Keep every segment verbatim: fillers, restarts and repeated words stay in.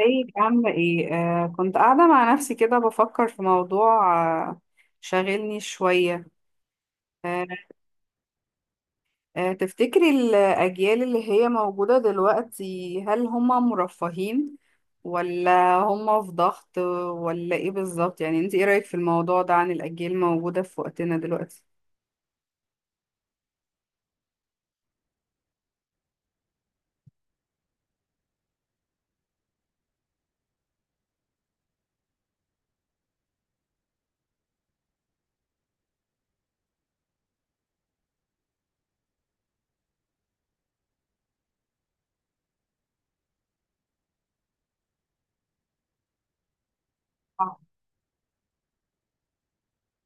ازيك؟ عاملة ايه؟ آه، كنت قاعدة مع نفسي كده بفكر في موضوع. آه، شاغلني شوية. آه. آه، تفتكري الأجيال اللي هي موجودة دلوقتي هل هما مرفهين ولا هما في ضغط ولا ايه بالظبط؟ يعني انت ايه رأيك في الموضوع ده عن الأجيال الموجودة في وقتنا دلوقتي؟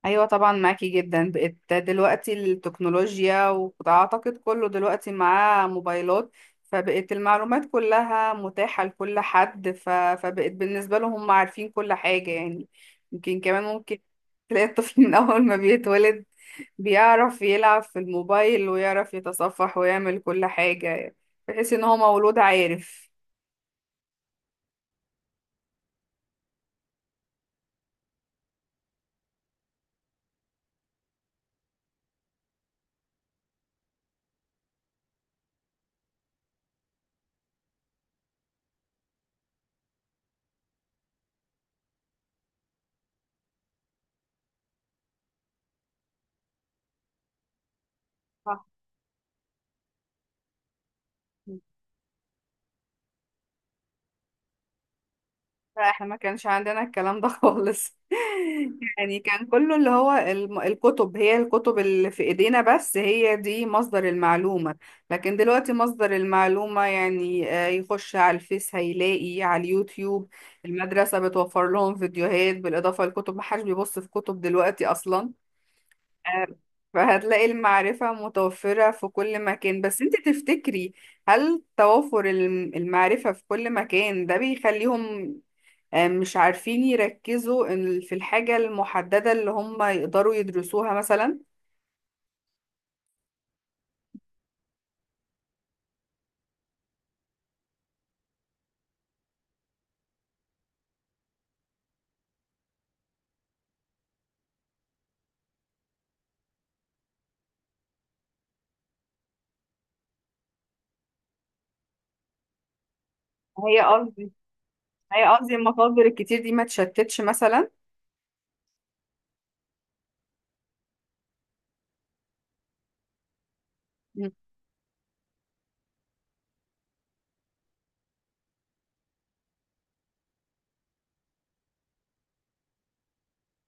ايوه، طبعا معاكي جدا. بقت دلوقتي التكنولوجيا، واعتقد كله دلوقتي معاه موبايلات، فبقت المعلومات كلها متاحة لكل حد، ف... فبقت بالنسبة لهم هم عارفين كل حاجة يعني. يمكن كمان ممكن تلاقي الطفل من اول ما بيتولد بيعرف يلعب في الموبايل، ويعرف يتصفح، ويعمل كل حاجة يعني، بحيث ان هو مولود عارف. صح. لا، احنا ما كانش عندنا الكلام ده خالص. يعني كان كله اللي هو الم- الكتب، هي الكتب اللي في ايدينا بس، هي دي مصدر المعلومة. لكن دلوقتي مصدر المعلومة يعني آه، يخش على الفيس، هيلاقي على اليوتيوب، المدرسة بتوفر لهم فيديوهات بالإضافة للكتب، محدش بيبص في كتب دلوقتي أصلا. آه. فهتلاقي المعرفة متوفرة في كل مكان، بس انت تفتكري هل توافر الم- المعرفة في كل مكان ده بيخليهم آه، مش عارفين يركزوا إن- في الحاجة المحددة اللي هم يقدروا يدرسوها مثلا؟ هي قصدي، هي قصدي المصادر الكتير دي ما تشتتش مثلا؟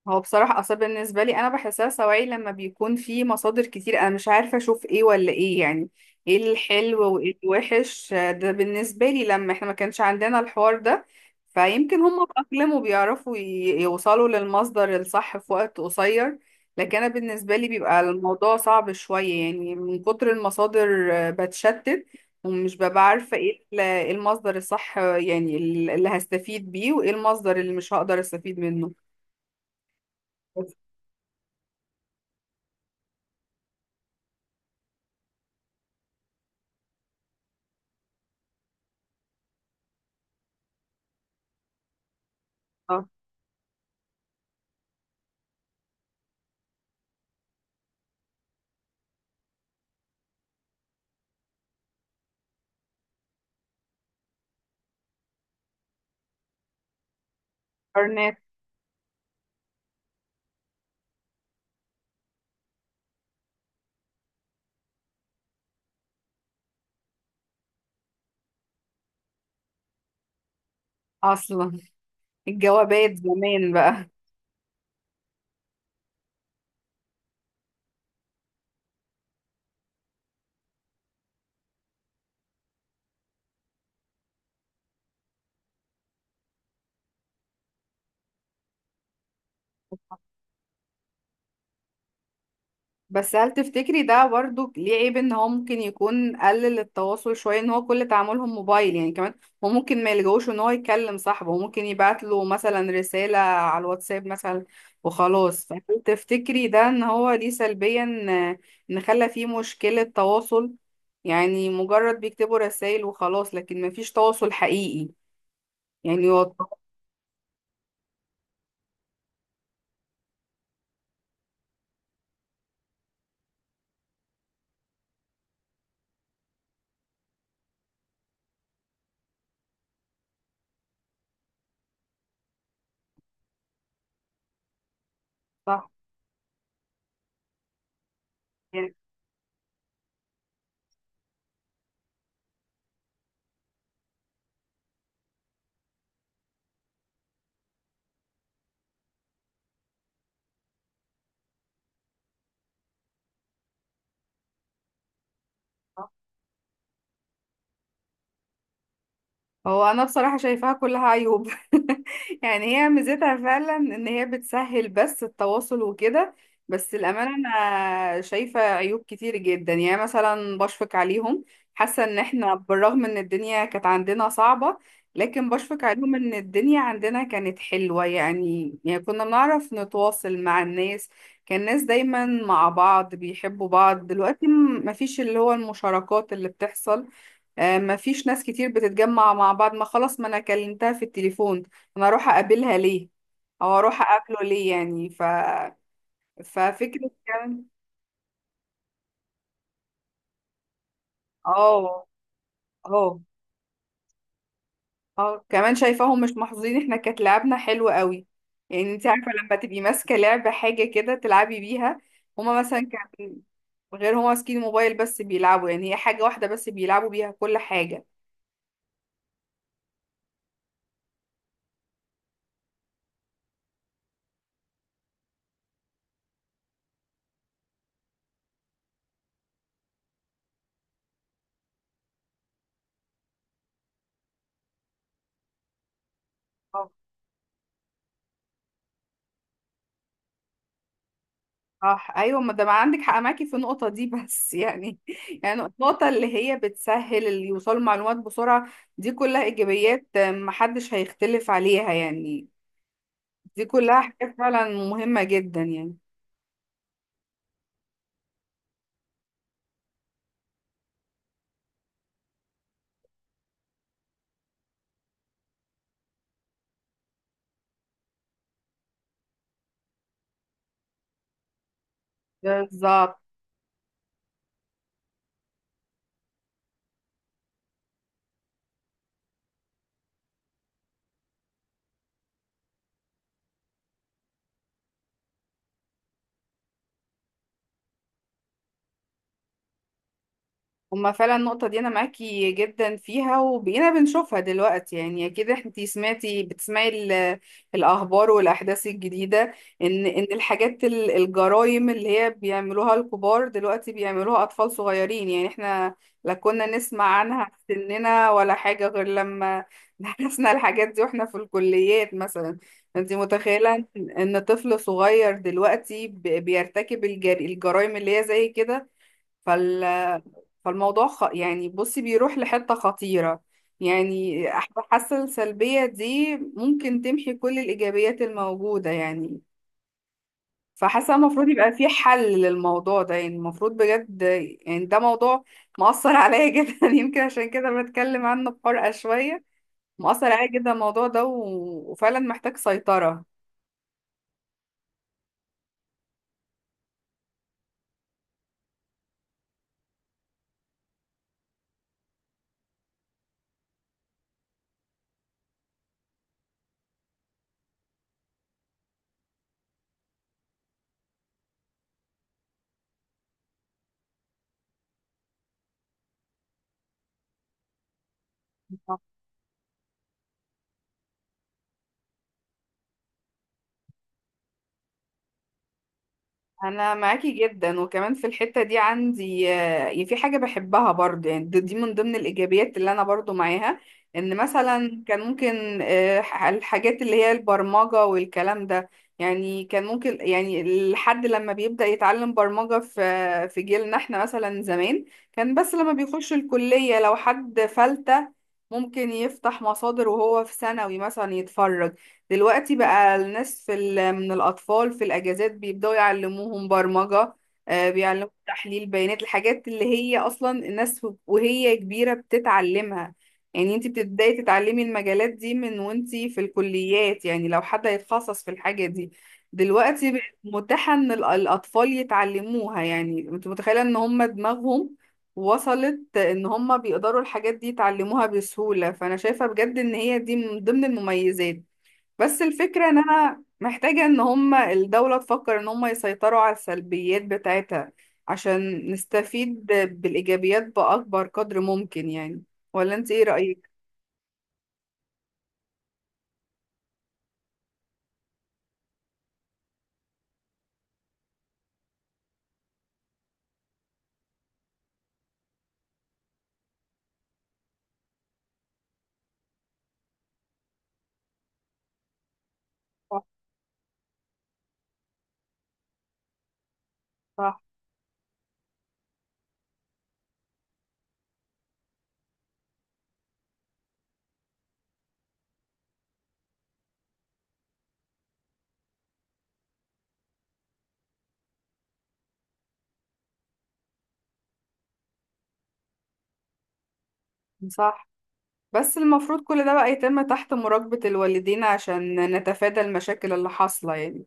هو بصراحة آثار بالنسبة لي، أنا بحسها سواعي لما بيكون في مصادر كتير، أنا مش عارفة أشوف إيه ولا إيه يعني، إيه الحلو وإيه الوحش. آه، ده بالنسبة لي لما إحنا ما كانش عندنا الحوار ده. فيمكن هم اتأقلموا، بيعرفوا ي- يوصلوا للمصدر الصح في وقت قصير، لكن أنا بالنسبة لي بيبقى الموضوع صعب شوية يعني. من كتر المصادر آه، بتشتت، ومش ببقى عارفة إيه ال- إيه المصدر الصح، آه، يعني ال- اللي هستفيد بيه، وإيه المصدر اللي مش هقدر أستفيد منه. بس. آه. برنات. اصلا، الجوابات زمان بقى. بس هل تفتكري ده برضو ليه عيب، ان هو ممكن يكون قلل التواصل شوية، ان هو كل تعاملهم موبايل يعني؟ كمان هو ممكن ما يلجوش ان هو يكلم صاحبه، هو ممكن يبعت له مثلا رسالة على الواتساب مثلا وخلاص. فهل تفتكري ده ان هو ليه سلبيا، آه، ان خلى فيه مشكلة تواصل؟ يعني مجرد بيكتبوا رسائل وخلاص، لكن مفيش تواصل حقيقي. يعني هو التواصل- صح. يعني هو انا بصراحة شايفاها كلها عيوب. يعني هي ميزتها فعلا ان هي بتسهل بس التواصل وكده، بس الامانة انا شايفة عيوب كتير جدا. يعني مثلا بشفق عليهم، حاسة ان احنا بالرغم ان الدنيا كانت عندنا صعبة، لكن بشفق عليهم. ان الدنيا عندنا كانت حلوة يعني، يعني كنا بنعرف نتواصل مع الناس، كان الناس دايما مع بعض بيحبوا بعض. دلوقتي م- مفيش اللي هو المشاركات اللي بتحصل. آه، ما فيش ناس كتير بتتجمع مع بعض. ما خلاص، ما انا كلمتها في التليفون، انا اروح اقابلها ليه؟ او اروح اقابله ليه؟ يعني ف، ففكرة كمان. اه. اه. اه، كمان شايفاهم مش محظوظين. احنا كانت لعبنا حلو قوي، يعني انت عارفة لما تبقي ماسكة لعبة، حاجة كده تلعبي بيها. هما مثلا كان، غير هما ماسكين موبايل بس بيلعبوا، يعني هي حاجة واحدة بس بيلعبوا بيها كل حاجة. صح ايوه، ما ده ما عندك حق، معاكي في النقطه دي، بس يعني يعني النقطه اللي هي بتسهل اللي يوصلوا معلومات بسرعه، دي كلها ايجابيات. آه، محدش هيختلف عليها يعني، دي كلها حاجات فعلا مهمه جدا يعني. بالظبط، هما فعلا النقطة دي أنا معاكي جدا فيها، وبقينا بنشوفها دلوقتي. يعني أكيد انتي سمعتي، بتسمعي ال- الأخبار والأحداث الجديدة إن إن الحاجات ال- الجرايم اللي هي بيعملوها الكبار دلوقتي بيعملوها أطفال صغيرين. يعني احنا لا كنا نسمع عنها في سننا ولا حاجة، غير لما درسنا الحاجات دي واحنا في الكليات مثلا. انتي متخيلة إن إن طفل صغير دلوقتي ب- بيرتكب الجر- الجرايم اللي هي زي كده؟ فالموضوع خ... يعني بصي، بيروح لحتة خطيرة. يعني أح- حاسة السلبية دي ممكن تمحي كل الإيجابيات الموجودة يعني. فحاسة المفروض يبقى في حل للموضوع ده يعني. المفروض بجد، يعني ده موضوع مؤثر عليا جدا. يمكن عشان كده بتكلم عنه بحرقة شوية. مؤثر عليا جدا الموضوع ده و... وفعلا محتاج سيطرة. انا معاكي جدا، وكمان في الحتة دي عندي آه، يعني في حاجة بحبها برضه. يعني دي، دي من ضمن الايجابيات اللي انا برضه معاها، ان مثلا كان ممكن آه، ح- الحاجات اللي هي البرمجة والكلام ده. يعني كان ممكن، يعني الحد لما بيبدأ يتعلم برمجة في في جيلنا احنا مثلا زمان، كان بس لما بيخش الكلية، لو حد فلتة ممكن يفتح مصادر وهو في ثانوي مثلا يتفرج. دلوقتي بقى الناس في ال- من الأطفال في الأجازات بيبدأوا يعلموهم برمجة، آه، بيعلموهم تحليل بيانات، الحاجات اللي هي أصلا الناس وهي كبيرة بتتعلمها. يعني انت بتبدأي تتعلمي المجالات دي من وانت في الكليات، يعني لو حد هيتخصص في الحاجة دي. دلوقتي بقت متاحة ان ال- الأطفال يتعلموها. يعني انت متخيلة ان هم دماغهم وصلت ان هم بيقدروا الحاجات دي يتعلموها بسهولة؟ فانا شايفة بجد ان هي دي من ضمن المميزات، بس الفكرة ان انا محتاجة ان هما الدولة تفكر ان هما يسيطروا على السلبيات بتاعتها عشان نستفيد بالايجابيات باكبر قدر ممكن يعني. ولا انت ايه رأيك؟ صح. صح. صح، بس المفروض كل ده بقى يتم تحت مراقبة الوالدين، عشان نتفادى المشاكل اللي حاصلة يعني.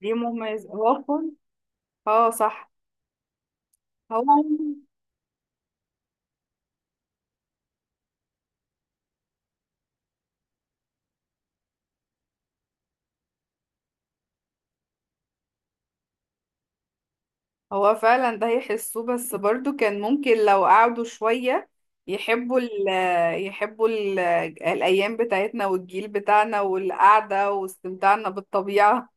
دي مهمة يز- هو كل- اه صح. هو، هو فعلا ده يحسوه، بس برضو كان ممكن لو قعدوا شوية يحبوا ال، يحبوا ال الأيام بتاعتنا والجيل بتاعنا والقعدة واستمتاعنا بالطبيعة،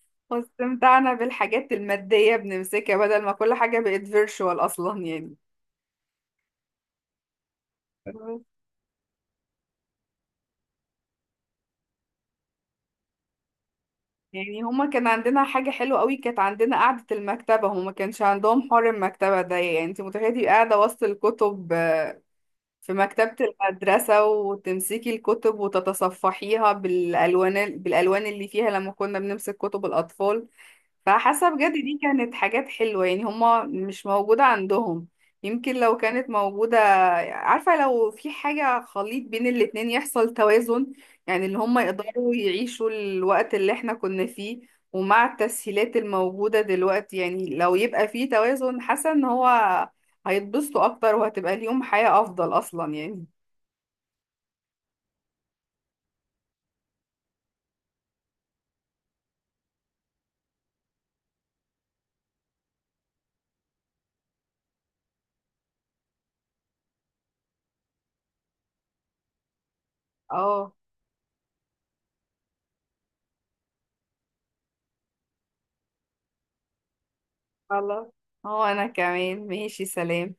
واستمتاعنا بالحاجات المادية بنمسكها، بدل ما كل حاجة بقت فيرتشوال أصلا يعني. بس. يعني هما كان عندنا حاجة حلوة قوي، كانت عندنا قعدة المكتبة. هما ما كانش عندهم حوار المكتبة ده. يعني انت متخيلة تبقي قاعدة وسط الكتب في مكتبة المدرسة، وتمسكي الكتب وتتصفحيها بالألوان، بالألوان اللي فيها لما كنا بنمسك كتب الأطفال؟ فحاسه بجد دي كانت حاجات حلوه، يعني هما مش موجوده عندهم. يمكن لو كانت موجوده، عارفه لو في حاجه خليط بين الاتنين يحصل توازن، يعني اللي هما يقدروا يعيشوا الوقت اللي احنا كنا فيه ومع التسهيلات الموجوده دلوقتي. يعني لو يبقى في توازن، حاسه ان هو هيتبسطوا اكتر، وهتبقى ليهم حياه افضل اصلا يعني. اه خلاص، هو انا كمان ماشي، سلام.